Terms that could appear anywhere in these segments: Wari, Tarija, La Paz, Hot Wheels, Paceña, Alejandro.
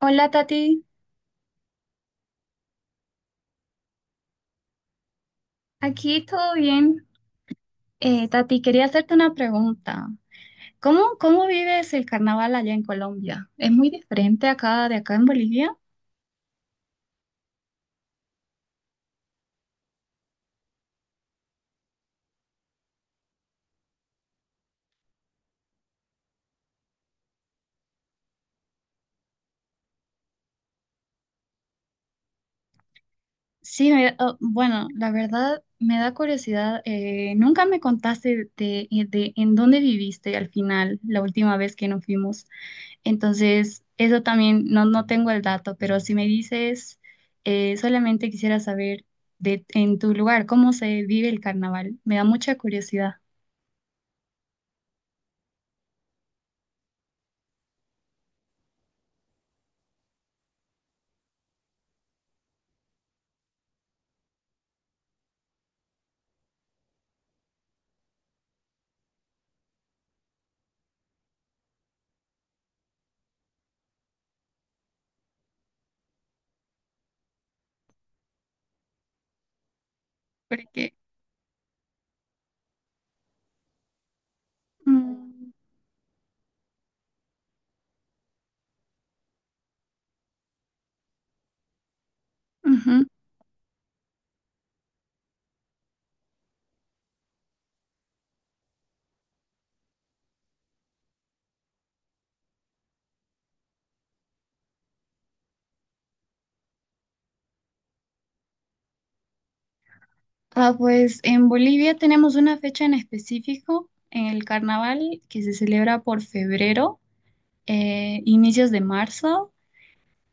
Hola Tati, aquí todo bien. Tati, quería hacerte una pregunta. ¿Cómo vives el carnaval allá en Colombia? ¿Es muy diferente acá en Bolivia? Sí, oh, bueno, la verdad me da curiosidad. Nunca me contaste de en dónde viviste al final, la última vez que nos fuimos. Entonces, eso también no, no tengo el dato, pero si me dices, solamente quisiera saber de, en tu lugar cómo se vive el carnaval. Me da mucha curiosidad. Porque, mm, ujú. Ah, pues en Bolivia tenemos una fecha en específico, en el carnaval, que se celebra por febrero, inicios de marzo,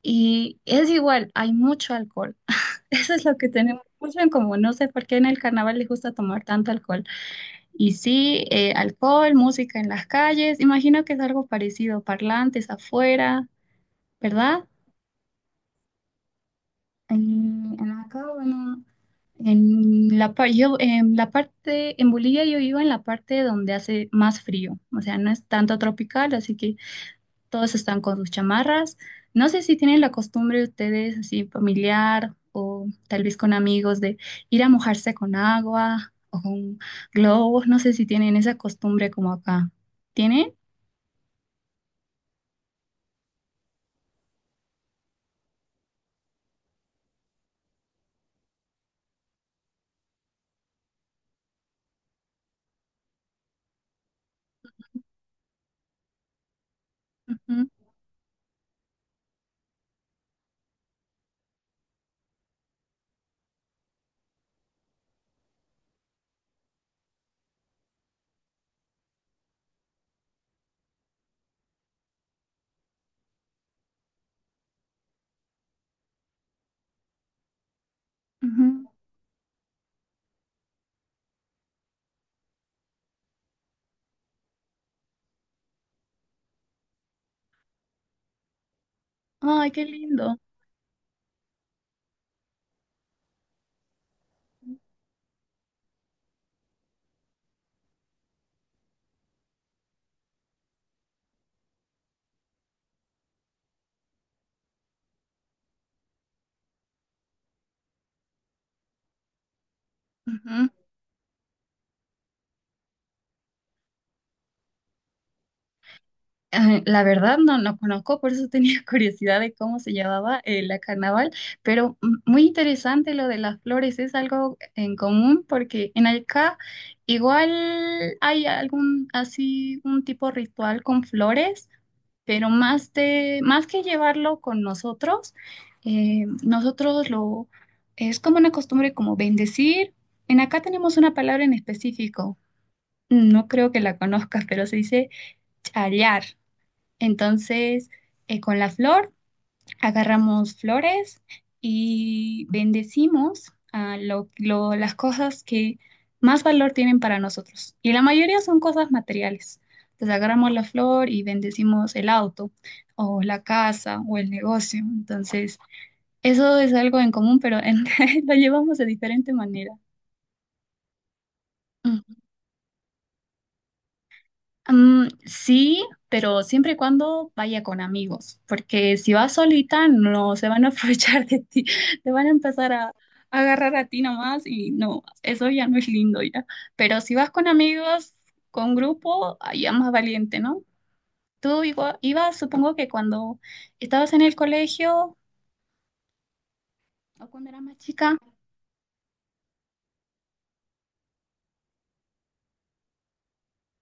y es igual, hay mucho alcohol. Eso es lo que tenemos mucho en común. No sé por qué en el carnaval les gusta tomar tanto alcohol. Y sí, alcohol, música en las calles, imagino que es algo parecido, parlantes afuera, ¿verdad? Y acá, bueno. En yo, en la parte, en Bolivia yo vivo en la parte donde hace más frío, o sea, no es tanto tropical, así que todos están con sus chamarras. No sé si tienen la costumbre ustedes, así familiar o tal vez con amigos, de ir a mojarse con agua o con globos, no sé si tienen esa costumbre como acá. ¿Tienen? Ujú, ujú. Ay, qué lindo. Ujú. Ah, la verdad no, no conozco, por eso tenía curiosidad de cómo se llamaba la carnaval, pero mm, muy interesante lo de las flores, es algo en común porque en acá igual hay algún así un tipo ritual con flores, pero más de más que llevarlo con nosotros, nosotros lo es como una costumbre como bendecir. En acá tenemos una palabra en específico, no creo que la conozcas, pero se dice chayar. Entonces, con la flor, agarramos flores y bendecimos a las cosas que más valor tienen para nosotros. Y la mayoría son cosas materiales. Entonces, agarramos la flor y bendecimos el auto o la casa o el negocio. Entonces, eso es algo en común, pero lo llevamos de diferente manera. Mm. Mm, sí, pero siempre y cuando vaya con amigos, porque si vas solita no se van a aprovechar de ti, te van a empezar a agarrar a ti nomás y no, eso ya no es lindo ya. Pero si vas con amigos, con grupo, ah, ya más valiente, ¿no? Tú ibas, supongo que cuando estabas en el colegio o cuando eras más chica.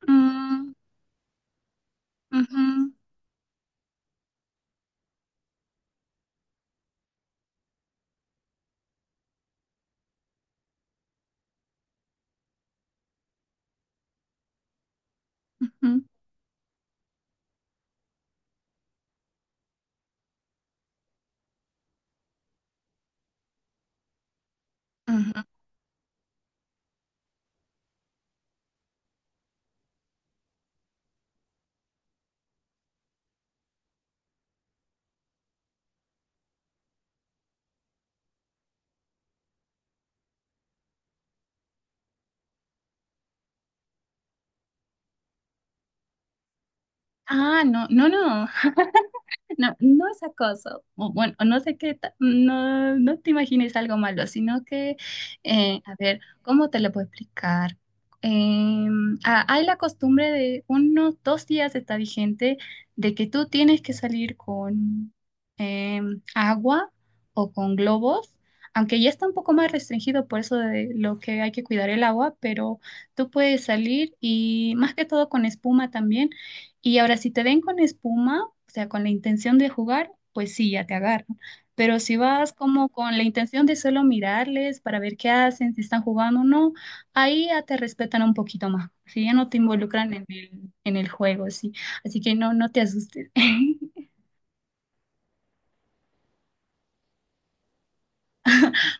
Mm, ujú, ujú, ujú. Ah, no, no, no. No, no es acoso. O bueno, no sé qué, no, no te imagines algo malo, sino que, a ver, ¿cómo te lo puedo explicar? Eh, Hay la costumbre de unos dos días está vigente de que tú tienes que salir con eh, agua o con globos, aunque ya está un poco más restringido por eso de lo que hay que cuidar el agua, pero tú puedes salir y más que todo con espuma también. Y ahora, si te ven con espuma o sea, con la intención de jugar, pues sí, ya te agarran. Pero si vas como con la intención de solo mirarles para ver qué hacen, si están jugando o no, ahí ya te respetan un poquito más. Si ya no te involucran en en el juego, sí. Así que no, no te asustes.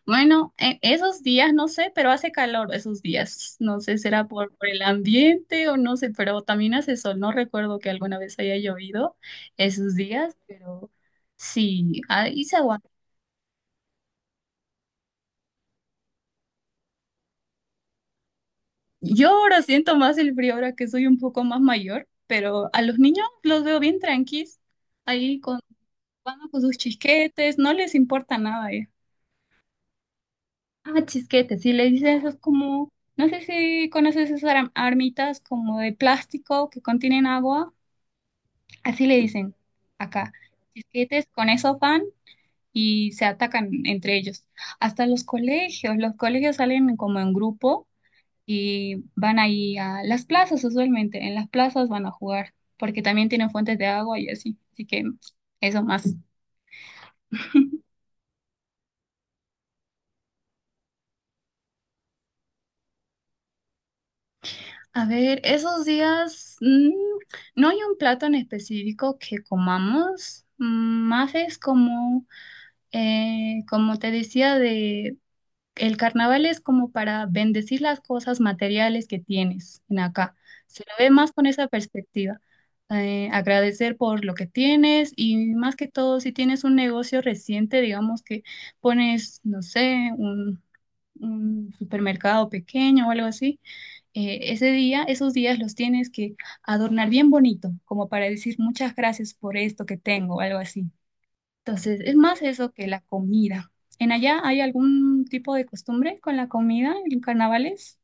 Bueno, esos días no sé, pero hace calor esos días. No sé, será por el ambiente o no sé, pero también hace sol. No recuerdo que alguna vez haya llovido esos días, pero sí, ahí se aguanta. Yo ahora siento más el frío ahora que soy un poco más mayor, pero a los niños los veo bien tranquis, ahí con, jugando con sus chisquetes, no les importa nada. Ah, chisquetes, sí le dicen esos como, no sé si conoces esas armitas como de plástico que contienen agua, así le dicen acá, chisquetes con eso van y se atacan entre ellos. Hasta los colegios salen como en grupo y van ahí a las plazas usualmente, en las plazas van a jugar, porque también tienen fuentes de agua y así, así que eso más. A ver, esos días mm, no hay un plato en específico que comamos, mm, más es como, como te decía, de, el carnaval es como para bendecir las cosas materiales que tienes en acá. Se lo ve más con esa perspectiva. Agradecer por lo que tienes y más que todo, si tienes un negocio reciente, digamos que pones, no sé, un supermercado pequeño o algo así, ese día, esos días los tienes que adornar bien bonito, como para decir muchas gracias por esto que tengo, o algo así. Entonces, es más eso que la comida. ¿En allá hay algún tipo de costumbre con la comida en carnavales?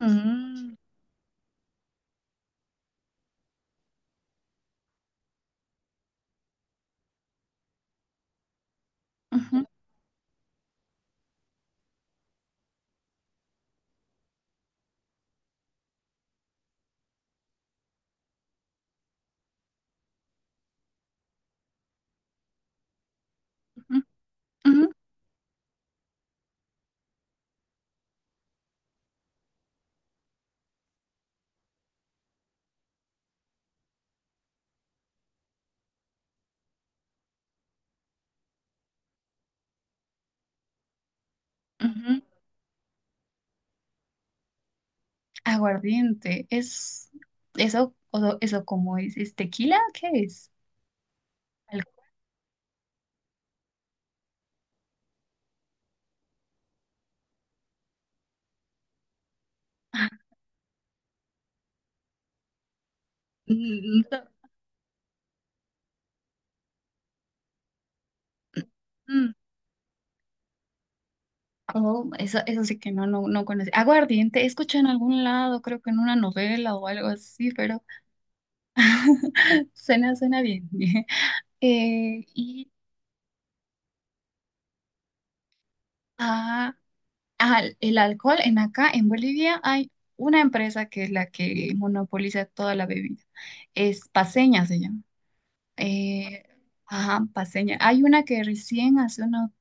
Mm, ujú, ujú, ujú, ujú. Aguardiente, es eso, eso como ¿es tequila? ¿Qué es? Algo- ah, mm, mm, mm. Oh, eso sí que no, no, no conocí. Aguardiente, escuché en algún lado, creo que en una novela o algo así, pero suena, suena bien. Eh, y ah, Ajá, el alcohol en acá, en Bolivia, hay una empresa que es la que monopoliza toda la bebida. Es Paceña, se llama. Eh, ajá, Paceña. Hay una que recién hace unos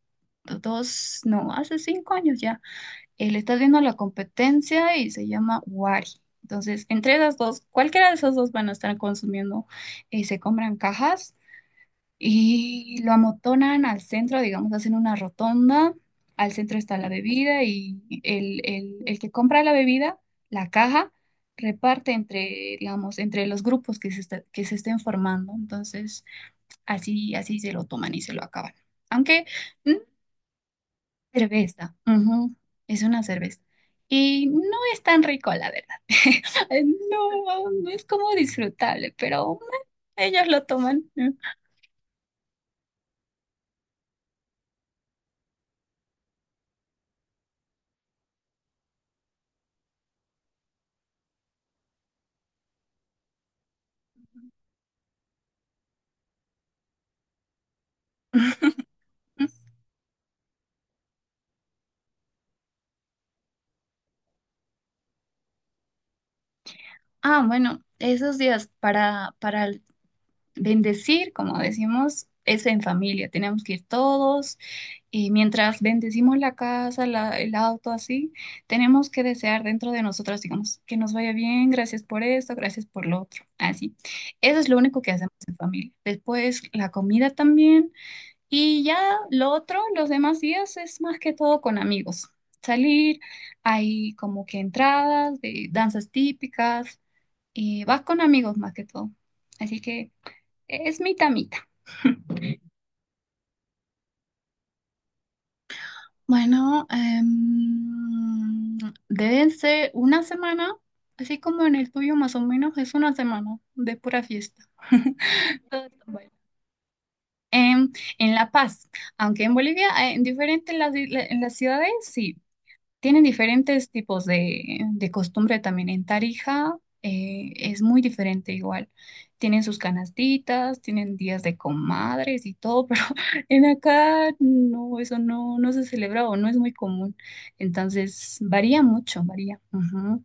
dos, no, hace 5 años ya, le está viendo la competencia y se llama Wari. Entonces, entre esas dos, cualquiera de esas dos van a estar consumiendo, se compran cajas y lo amotonan al centro, digamos, hacen una rotonda, al centro está la bebida y el que compra la bebida, la caja, reparte entre, digamos, entre los grupos que que se estén formando. Entonces, así, así se lo toman y se lo acaban. Aunque, mm, cerveza, ujú, es una cerveza. Y no es tan rico, la verdad. No, no es como disfrutable, pero ellos lo toman. Ah, bueno, esos días para bendecir, como decimos, es en familia. Tenemos que ir todos y mientras bendecimos la casa, el auto, así, tenemos que desear dentro de nosotros, digamos, que nos vaya bien, gracias por esto, gracias por lo otro, así. Eso es lo único que hacemos en familia. Después la comida también y ya lo otro, los demás días es más que todo con amigos. Salir, hay como que entradas de danzas típicas. Vas con amigos más que todo. Así que es mitad mitad. Bueno, deben ser una semana, así como en el tuyo más o menos, es una semana de pura fiesta. Todo está bueno. En, en La Paz, aunque en Bolivia, en diferentes en las ciudades, sí. Tienen diferentes tipos de costumbre también. En Tarija es muy diferente igual. Tienen sus canastitas, tienen días de comadres y todo, pero en acá no, eso no, no se celebra o no es muy común. Entonces varía mucho, varía. Ujú.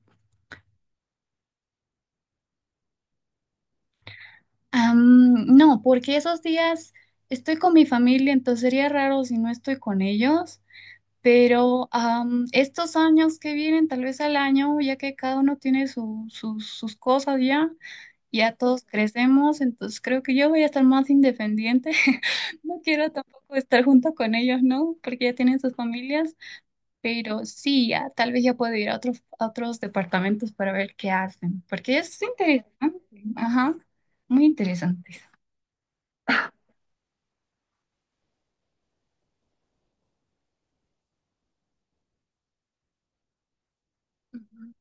Am, no, porque esos días estoy con mi familia, entonces sería raro si no estoy con ellos. Pero am, estos años que vienen, tal vez al año, ya que cada uno tiene sus cosas ya, ya todos crecemos, entonces creo que yo voy a estar más independiente. No quiero tampoco estar junto con ellos, ¿no? Porque ya tienen sus familias, pero sí, ya, tal vez ya puedo ir a otros departamentos para ver qué hacen, porque es interesante, ajá, muy interesante. Ujú.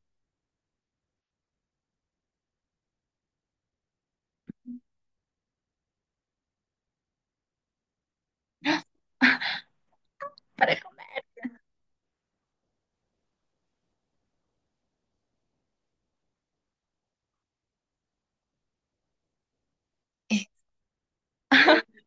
Parejo. Eh,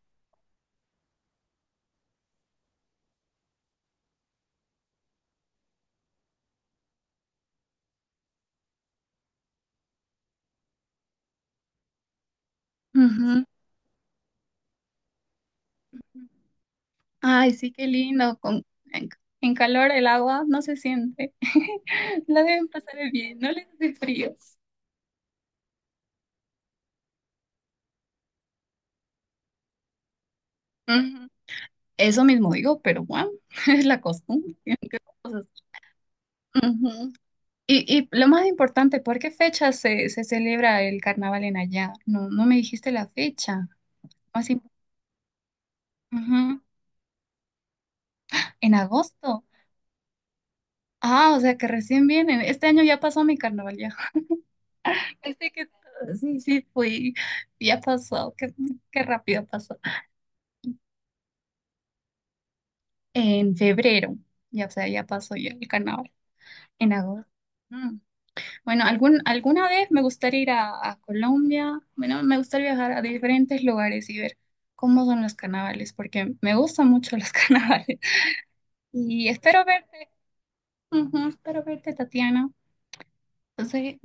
ujú. Ay, sí, qué lindo. Con, en, en calor el agua no se siente. La deben pasar bien, no les hace frío. Ujú. Eso mismo digo, pero bueno, es la costumbre. ¿qué cosas? Ujú. Y lo más importante, ¿por qué fecha se celebra el carnaval en allá? No, no me dijiste la fecha. Más im- ujú. En agosto. Ah, o sea que recién vienen. Este año ya pasó mi carnaval ya. Pensé que sí, sí, fui. Ya pasó. Qué, qué rápido pasó. En febrero, ya, o sea, ya pasó ya el carnaval, en agosto. Mm. Bueno, algún, alguna vez me gustaría ir a Colombia, bueno, me gustaría viajar a diferentes lugares y ver cómo son los carnavales, porque me gustan mucho los carnavales. Y espero verte, ujú, espero verte, Tatiana. Entonces,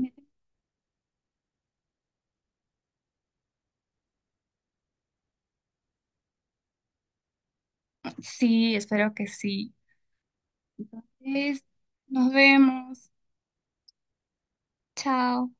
sí, espero que sí. Es- nos vemos, chao.